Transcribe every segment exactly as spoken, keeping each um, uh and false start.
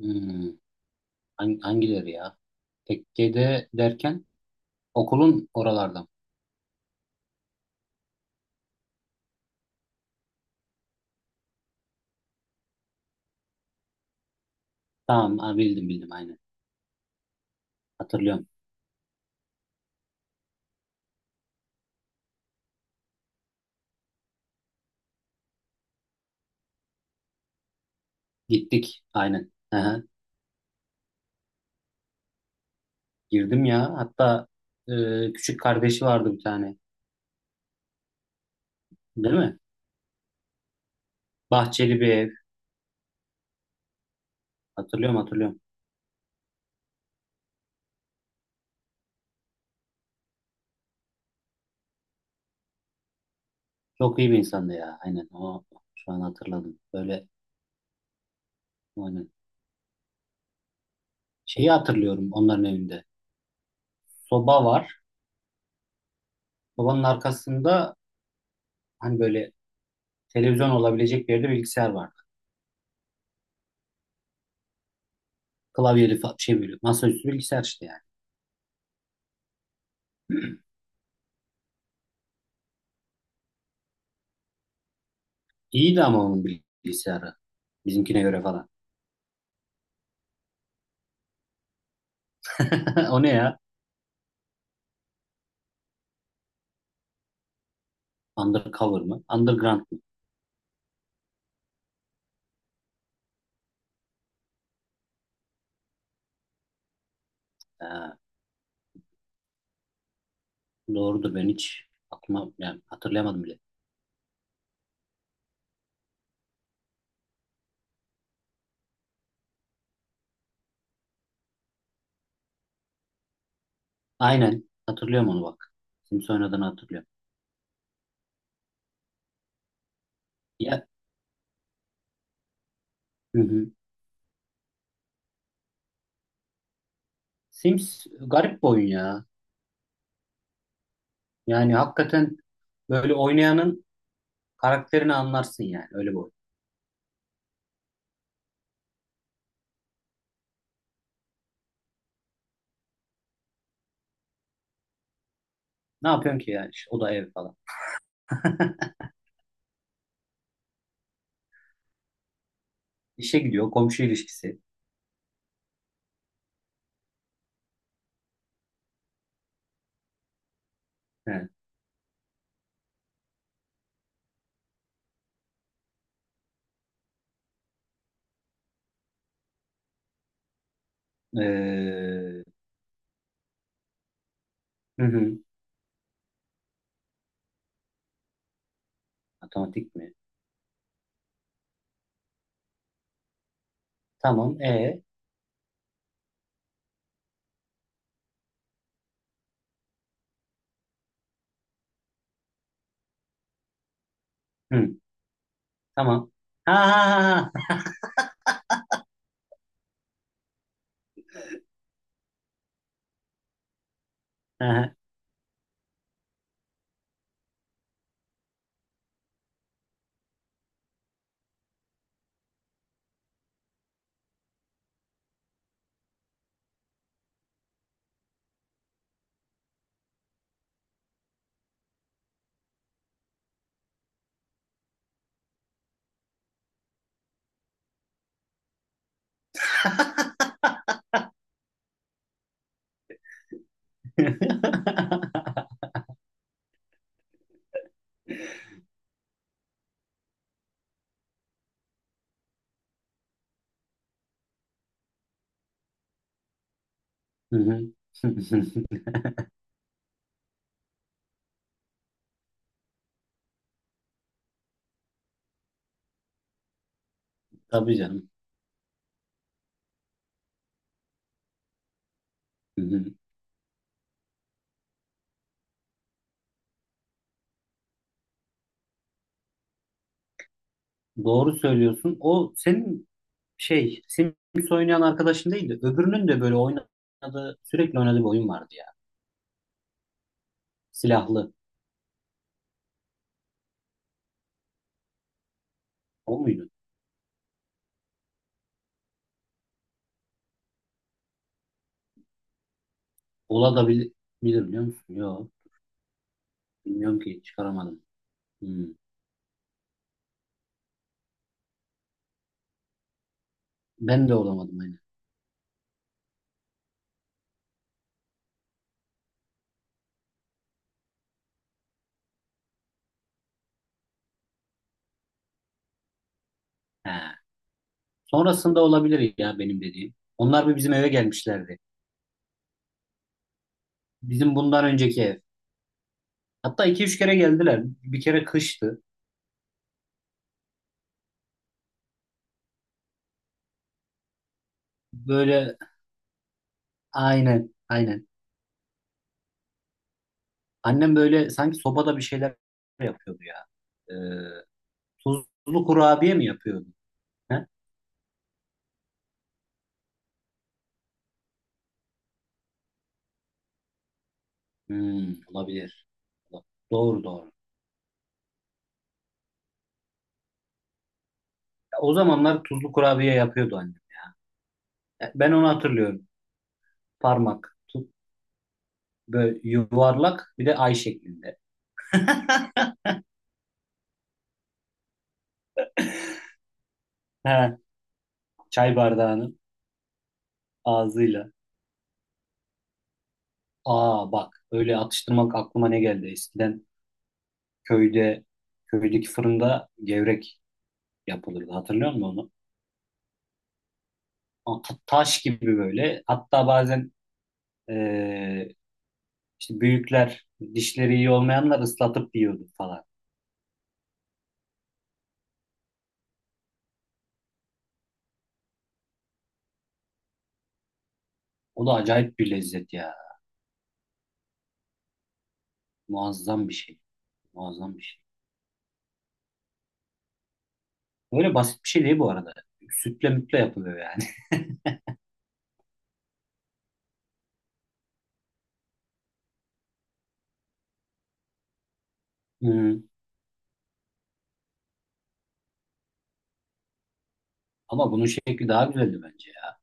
Hmm, hang- hangileri ya? Tekke'de derken okulun oralarda. Tamam ha, bildim bildim aynen. Hatırlıyorum. Gittik aynen. Aha, girdim ya. Hatta e, küçük kardeşi vardı bir tane. Değil mi? Bahçeli bir ev. Hatırlıyorum hatırlıyorum. Çok iyi bir insandı ya. Aynen o şu an hatırladım. Böyle aynen. Şeyi hatırlıyorum onların evinde. Soba var. Sobanın arkasında hani böyle televizyon olabilecek bir yerde bilgisayar var. Klavyeli fa- şey böyle masaüstü bilgisayar işte yani. İyiydi ama onun bilgisayarı. Bizimkine göre falan. O ne ya? Undercover mı? Underground mı? Ha, doğrudur ben hiç aklıma yani hatırlayamadım bile. Aynen hatırlıyorum onu bak. Sims oynadığını hatırlıyorum. Ya, hı hı. Sims garip bir oyun ya. Yani hakikaten böyle oynayanın karakterini anlarsın yani öyle bir oyun. Ne yapıyorsun ki yani? İşte o da ev falan. İşe gidiyor komşu ilişkisi. He. Ee, hı hı. Matematik mi? Tamam. E. Hı. Tamam. Ha, ha, ha, aha. Hı hı. Tabii canım. Hı hı. Doğru söylüyorsun. O senin şey Sims oynayan arkadaşın değildi. Öbürünün de böyle oynadığı sürekli oynadığı bir oyun vardı ya. Silahlı. O muydu? Ola da bil- Bilir biliyor musun? Yok. Bilmiyorum ki çıkaramadım. Hmm. Ben de olamadım aynı. He. Sonrasında olabilir ya benim dediğim. Onlar bir bizim eve gelmişlerdi. Bizim bundan önceki ev. Hatta iki üç kere geldiler. Bir kere kıştı. Böyle aynen aynen. Annem böyle sanki sobada bir şeyler yapıyordu ya. Ee, tuzlu kurabiye mi yapıyordu? He? Hmm, olabilir. Doğru doğru. Ya, o zamanlar tuzlu kurabiye yapıyordu annem. Ya, ben onu hatırlıyorum. Parmak, tut, böyle yuvarlak bir de ay şeklinde. He, çay bardağının ağzıyla. Aa bak öyle atıştırmak aklıma ne geldi? Eskiden köyde köydeki fırında gevrek yapılırdı. Hatırlıyor musun onu? O ta- Taş gibi böyle. Hatta bazen Ee, işte büyükler dişleri iyi olmayanlar ıslatıp yiyordu falan. O da acayip bir lezzet ya. Muazzam bir şey. Muazzam bir şey. Böyle basit bir şey değil bu arada. Sütle mütle yapılıyor yani. Hı. Ama bunun şekli daha güzeldi bence ya.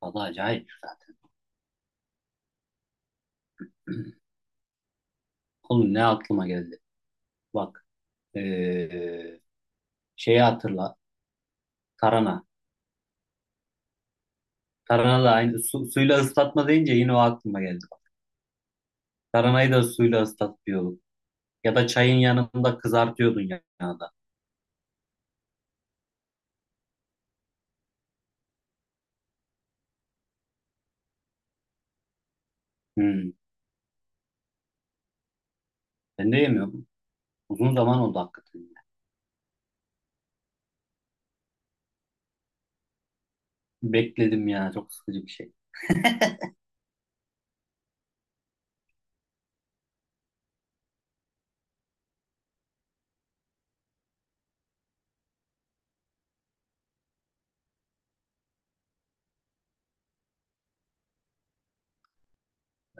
Tadı acayip zaten. Oğlum ne aklıma geldi. Bak. ee, Şeyi hatırla. Tarhana. Tarhana da aynı. Su, suyla ıslatma deyince yine o aklıma geldi. Bak. Tarhanayı da suyla ıslatıyorduk. Ya da çayın yanında kızartıyordun yanında. Hı. Ben de yemiyorum. Uzun zaman oldu hakikaten. Ya. Bekledim ya çok sıkıcı bir şey.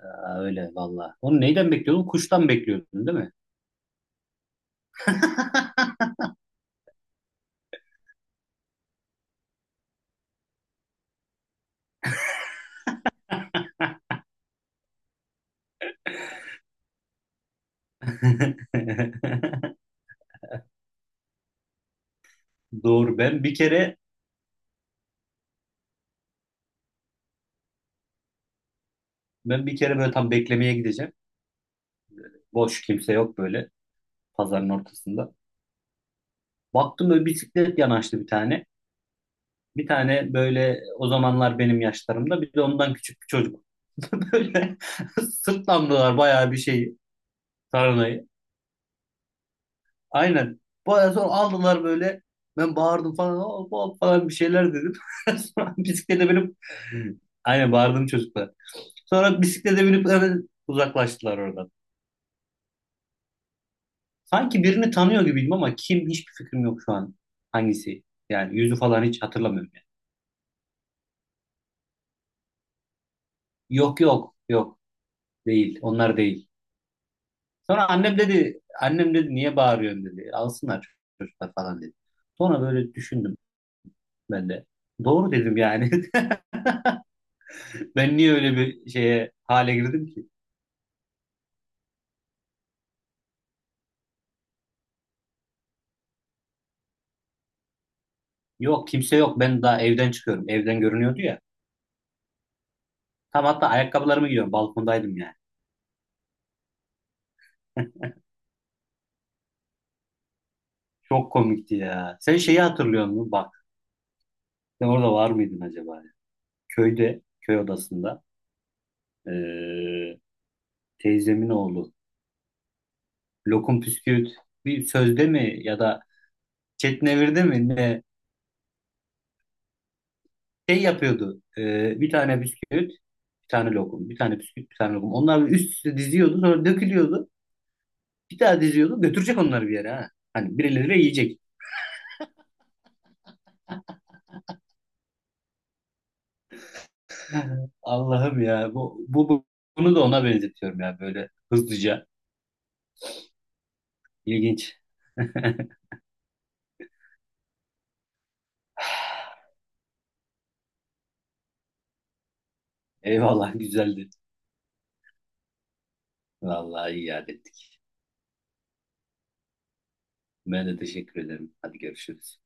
Aa, öyle valla. Onu neyden bekliyordun? Kuştan bekliyordun değil mi? Doğru. Ben bir kere ben bir kere böyle tam beklemeye gideceğim. Boş kimse yok böyle pazarın ortasında. Baktım böyle bisiklet yanaştı bir tane. Bir tane böyle o zamanlar benim yaşlarımda bir de ondan küçük bir çocuk. Böyle sırtlandılar bayağı bir şeyi. Tarhanayı. Aynen. Bayağı sonra aldılar böyle. Ben bağırdım falan. "Hop, hop" falan bir şeyler dedim. Sonra bisiklete binip aynen bağırdım çocuklar. Sonra bisiklete binip hemen uzaklaştılar oradan. Sanki birini tanıyor gibiydim ama kim hiçbir fikrim yok şu an. Hangisi? Yani yüzü falan hiç hatırlamıyorum yani. Yok yok yok değil. Onlar değil. Sonra annem dedi annem dedi niye bağırıyorsun dedi. Alsınlar çocuklar falan dedi. Sonra böyle düşündüm ben de. Doğru dedim yani. Ben niye öyle bir şeye hale girdim ki? Yok kimse yok. Ben daha evden çıkıyorum. Evden görünüyordu ya. Tam hatta ayakkabılarımı giyiyorum. Balkondaydım yani. Çok komikti ya. Sen şeyi hatırlıyor musun? Bak sen orada var mıydın acaba? Köyde, köy odasında eee, teyzemin oğlu Lokum Püsküvit bir sözde mi ya da Çetnevir'de mi ne şey yapıyordu. Eee, bir tane bisküvit, bir tane lokum, bir tane bisküvit, bir tane lokum. Onlar üst üste diziyordu sonra dökülüyordu. Bir daha diziyordu. Götürecek onları bir yere ha. Hani birileri yiyecek. Allah'ım ya. Bu, bu, bu- bunu da ona benzetiyorum ya. Böyle hızlıca. İlginç. Eyvallah güzeldi. Vallahi iyi iade ettik. Ben de teşekkür ederim. Hadi görüşürüz.